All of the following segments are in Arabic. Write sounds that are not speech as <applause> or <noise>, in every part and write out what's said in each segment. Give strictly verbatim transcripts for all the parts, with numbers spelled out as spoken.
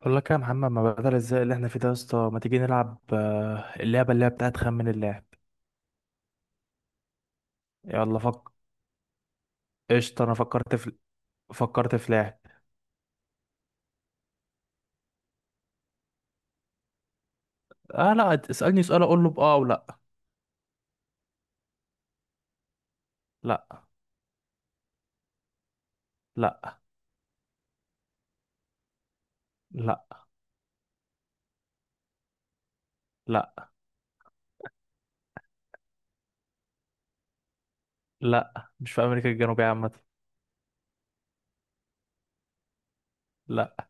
بقول لك يا محمد، ما بدل ازاي اللي احنا فيه ده يا اسطى. ما تيجي نلعب آه، اللعبه اللي هي بتاعت خمن اللاعب. يلا فك. قشطه، انا فكرت في فكرت في لاعب. اه لا، اسالني سؤال اقول له باه او لا. لا. لا. لا. لا. لا، مش في امريكا الجنوبيه عامه. لا.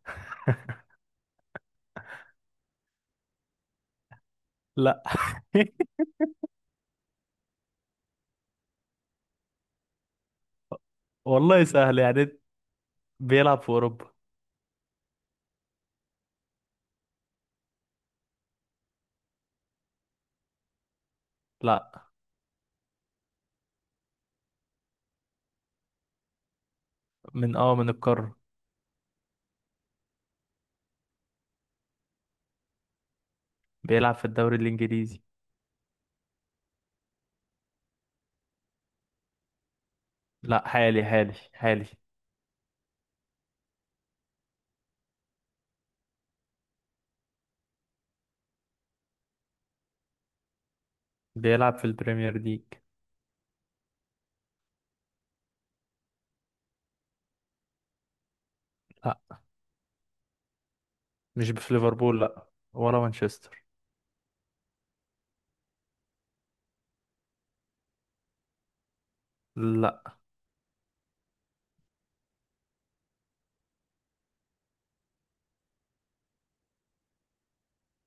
لا. <laughs> والله سهل يعني، بيلعب في اوروبا. لا. من اه من القاره. بيلعب في الدوري الانجليزي. لا، حالي حالي حالي. بيلعب في البريمير ليج. لا، مش في ليفربول. لا، ولا مانشستر. لا.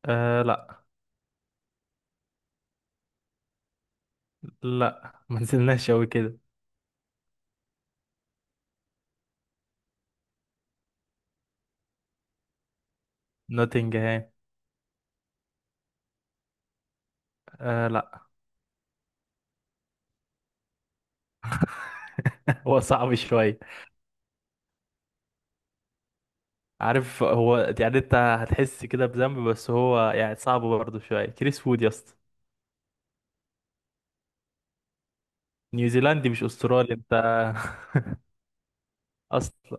آه لا. لا، ما نزلناش قوي كده. نوتنجهام. آه لا. <laughs> هو صعب شوية. عارف، هو يعني انت هتحس كده بذنب، بس هو يعني صعب برضه شوية. كريس وود يا اسطى. نيوزيلندي مش استرالي انت. <laughs> اصلا.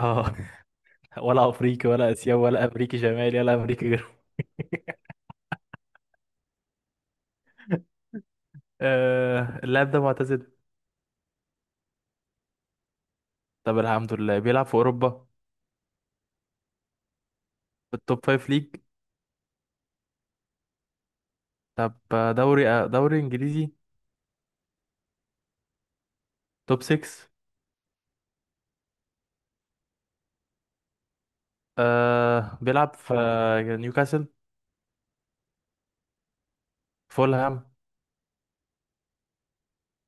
اه، ولا افريقي ولا اسيوي ولا امريكي شمالي ولا امريكي جنوبي. آه اللاعب ده معتزل؟ طب الحمد لله، بيلعب في اوروبا. في التوب فايف ليج. طب، آه، دوري آه، دوري انجليزي. توب سيكس. آه بيلعب في آه، نيوكاسل؟ فولهام؟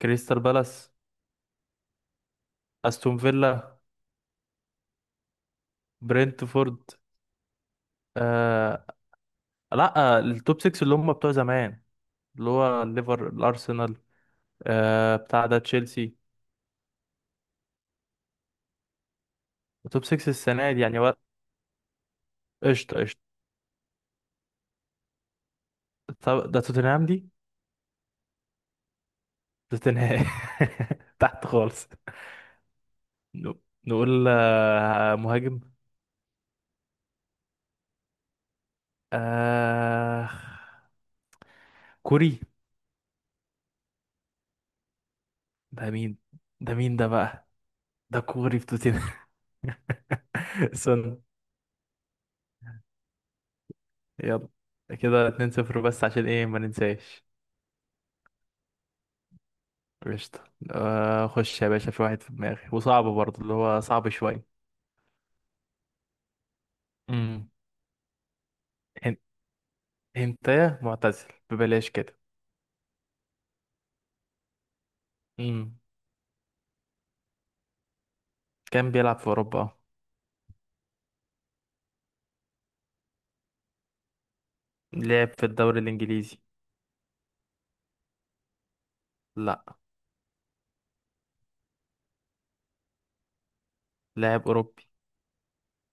كريستال بالاس؟ استون فيلا؟ برينتفورد؟ آه لا. آه، التوب سيكس اللي هم بتوع زمان، اللي هو الليفر، الارسنال، آه بتاع ده تشيلسي. التوب سيكس السنه دي يعني و- قشطه قشطه. طب ده توتنهام دي؟ توتنهام. <laughs> تحت خالص. ن- نقول آه مهاجم. آه كوري. ده مين؟ ده مين ده بقى؟ ده كوري في توتنهام. <laughs> سون. يلا. كده اتنين صفر بس، عشان ايه، ما ننساش. قشطة. آه، خش يا باشا، في واحد في دماغي وصعب برضه، اللي هو صعب شوية. امم. هن- هنتايا معتزل ببلاش كده. امم. كان بيلعب في أوروبا. لعب في الدوري الإنجليزي. لا. لاعب أوروبي.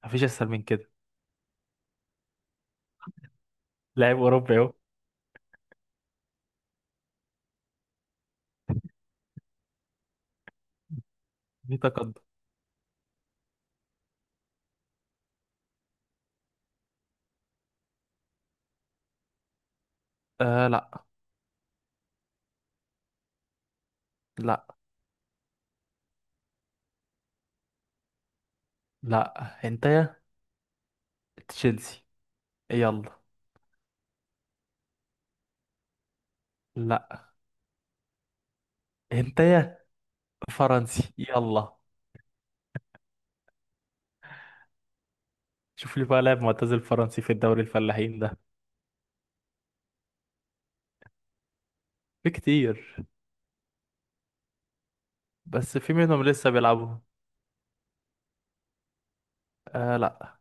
مفيش أسهل من كده. لاعب أوروبي أهو. في تقدم. آه لا. لا. لا. هنتايا. تشيلسي. يلا. لا. هنتايا. فرنسي، يلا. شوف لي بقى لاعب معتزل فرنسي في الدوري الفلاحين ده. في كتير. بس في منهم لسه بيلعبوا. آه لا.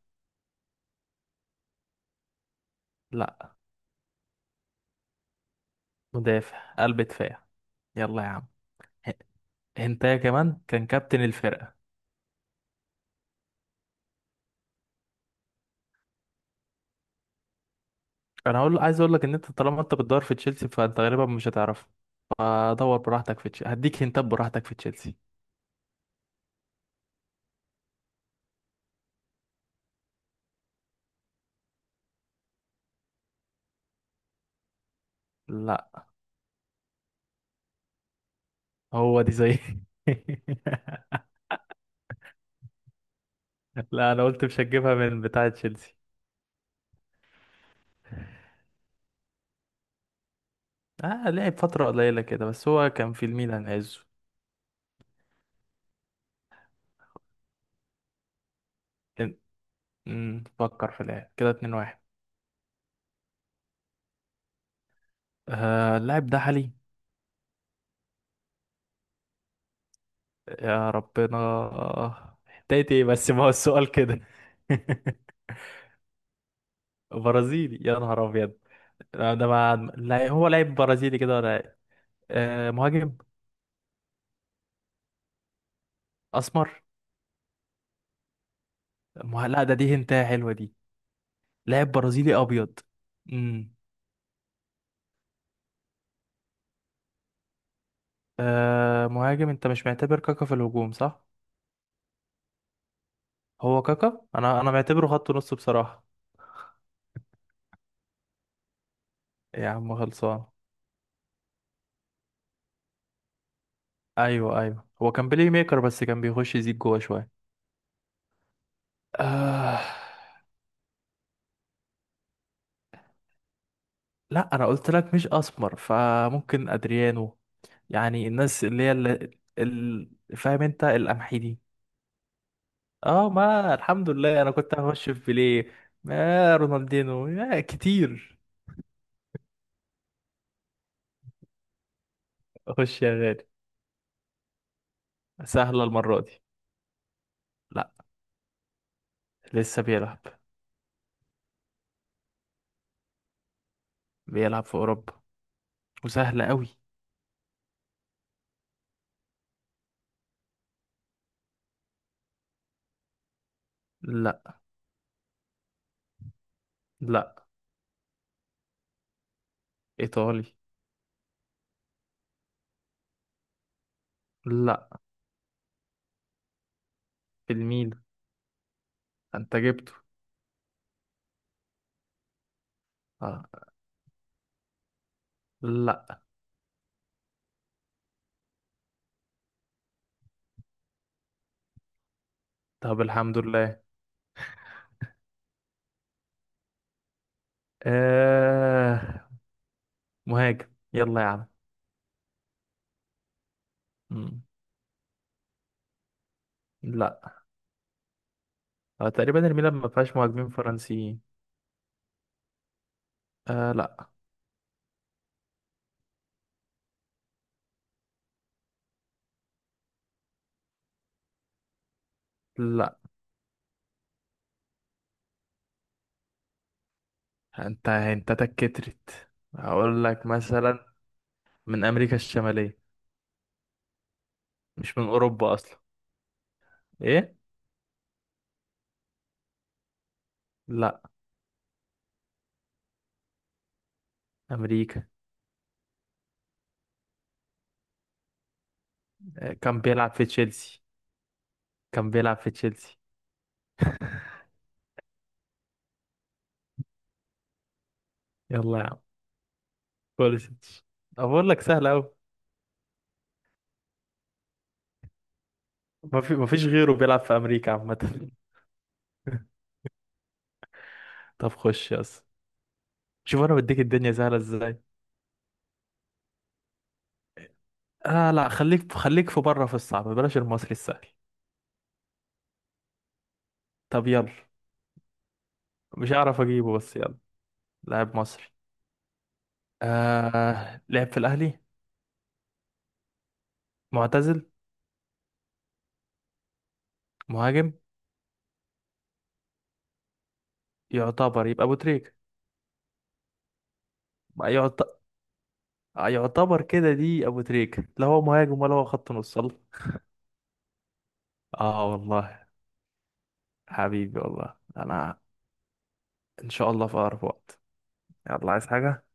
لا. مدافع، قلب دفاع، يلا يا عم. هنتايا كمان، كان كابتن الفرقة. انا هقول، عايز اقول لك ان انت طالما انت بتدور في تشيلسي فانت غالبا مش هتعرفه، فدور براحتك في تشيلسي، هديك هنتات براحتك في تشيلسي. لا. هو دي زي. <laughs> لا، انا قلت مش هتجيبها من بتاع تشيلسي. اه، لعب فترة قليلة كده بس هو كان في الميلان عزه. كان- مم، فكر في اللاعب كده. اتنين واحد. آه، اللاعب ده حالي؟ يا ربنا، هدايتي ايه بس؟ ما هو السؤال كده. <laughs> برازيلي؟ يا نهار ابيض. لا، ده ما، لا، هو لاعب برازيلي كده ولا إيه؟ آه، مهاجم. اسمر. مه... لا، ده دي هنتايه حلوه دي. لاعب برازيلي ابيض؟ امم. آه، مهاجم. انت مش معتبر كاكا في الهجوم، صح؟ هو كاكا انا انا معتبره خط نص بصراحه. يا عم خلصان. ايوه ايوه، هو كان بلاي ميكر بس كان بيخش يزيد جوه شويه. آه... لا، انا قلت لك مش اسمر، فممكن ادريانو يعني. الناس اللي هي اللي... ال... فاهم انت، القمحي. اه، ما الحمد لله انا كنت هخش في بيليه. ما رونالدينو ما كتير. اخش يا غالي. سهله المره دي. لا، لسه بيلعب. بيلعب في اوروبا. وسهله قوي. لا. لا. ايطالي. لا. في الميل. انت جبته. اه. لا. طب الحمد لله. آه، مهاجم، يلا يا عم. مم. لا. آه، تقريبا الميلان ما فيهاش مهاجمين فرنسيين. آه لا. لا. انت انت تكترت هقول لك مثلا. من امريكا الشماليه. مش من اوروبا اصلا. ايه. لا. امريكا. آه، كان بيلعب في تشيلسي. كان بيلعب في تشيلسي. يلا يا عم. خلصت. أه، بقول لك سهل قوي. ما في ما فيش غيره بيلعب في امريكا عامه. <laughs> طب خش يا اسطى. شوف انا بديك الدنيا سهله ازاي. اه لا، خليك خليك في بره في الصعب، بلاش المصري السهل. طب يلا. مش هعرف اجيبه بس يلا. لاعب مصري. آه لعب في الاهلي. معتزل. مهاجم. يعتبر. يبقى ابو تريكه. يعت... آه، يعتبر كده. دي ابو تريكة. لا هو مهاجم ولا هو خط نص، الله. اه والله. حبيبي والله انا. ان شاء الله في اقرب وقت. يلا، عايز حاجة؟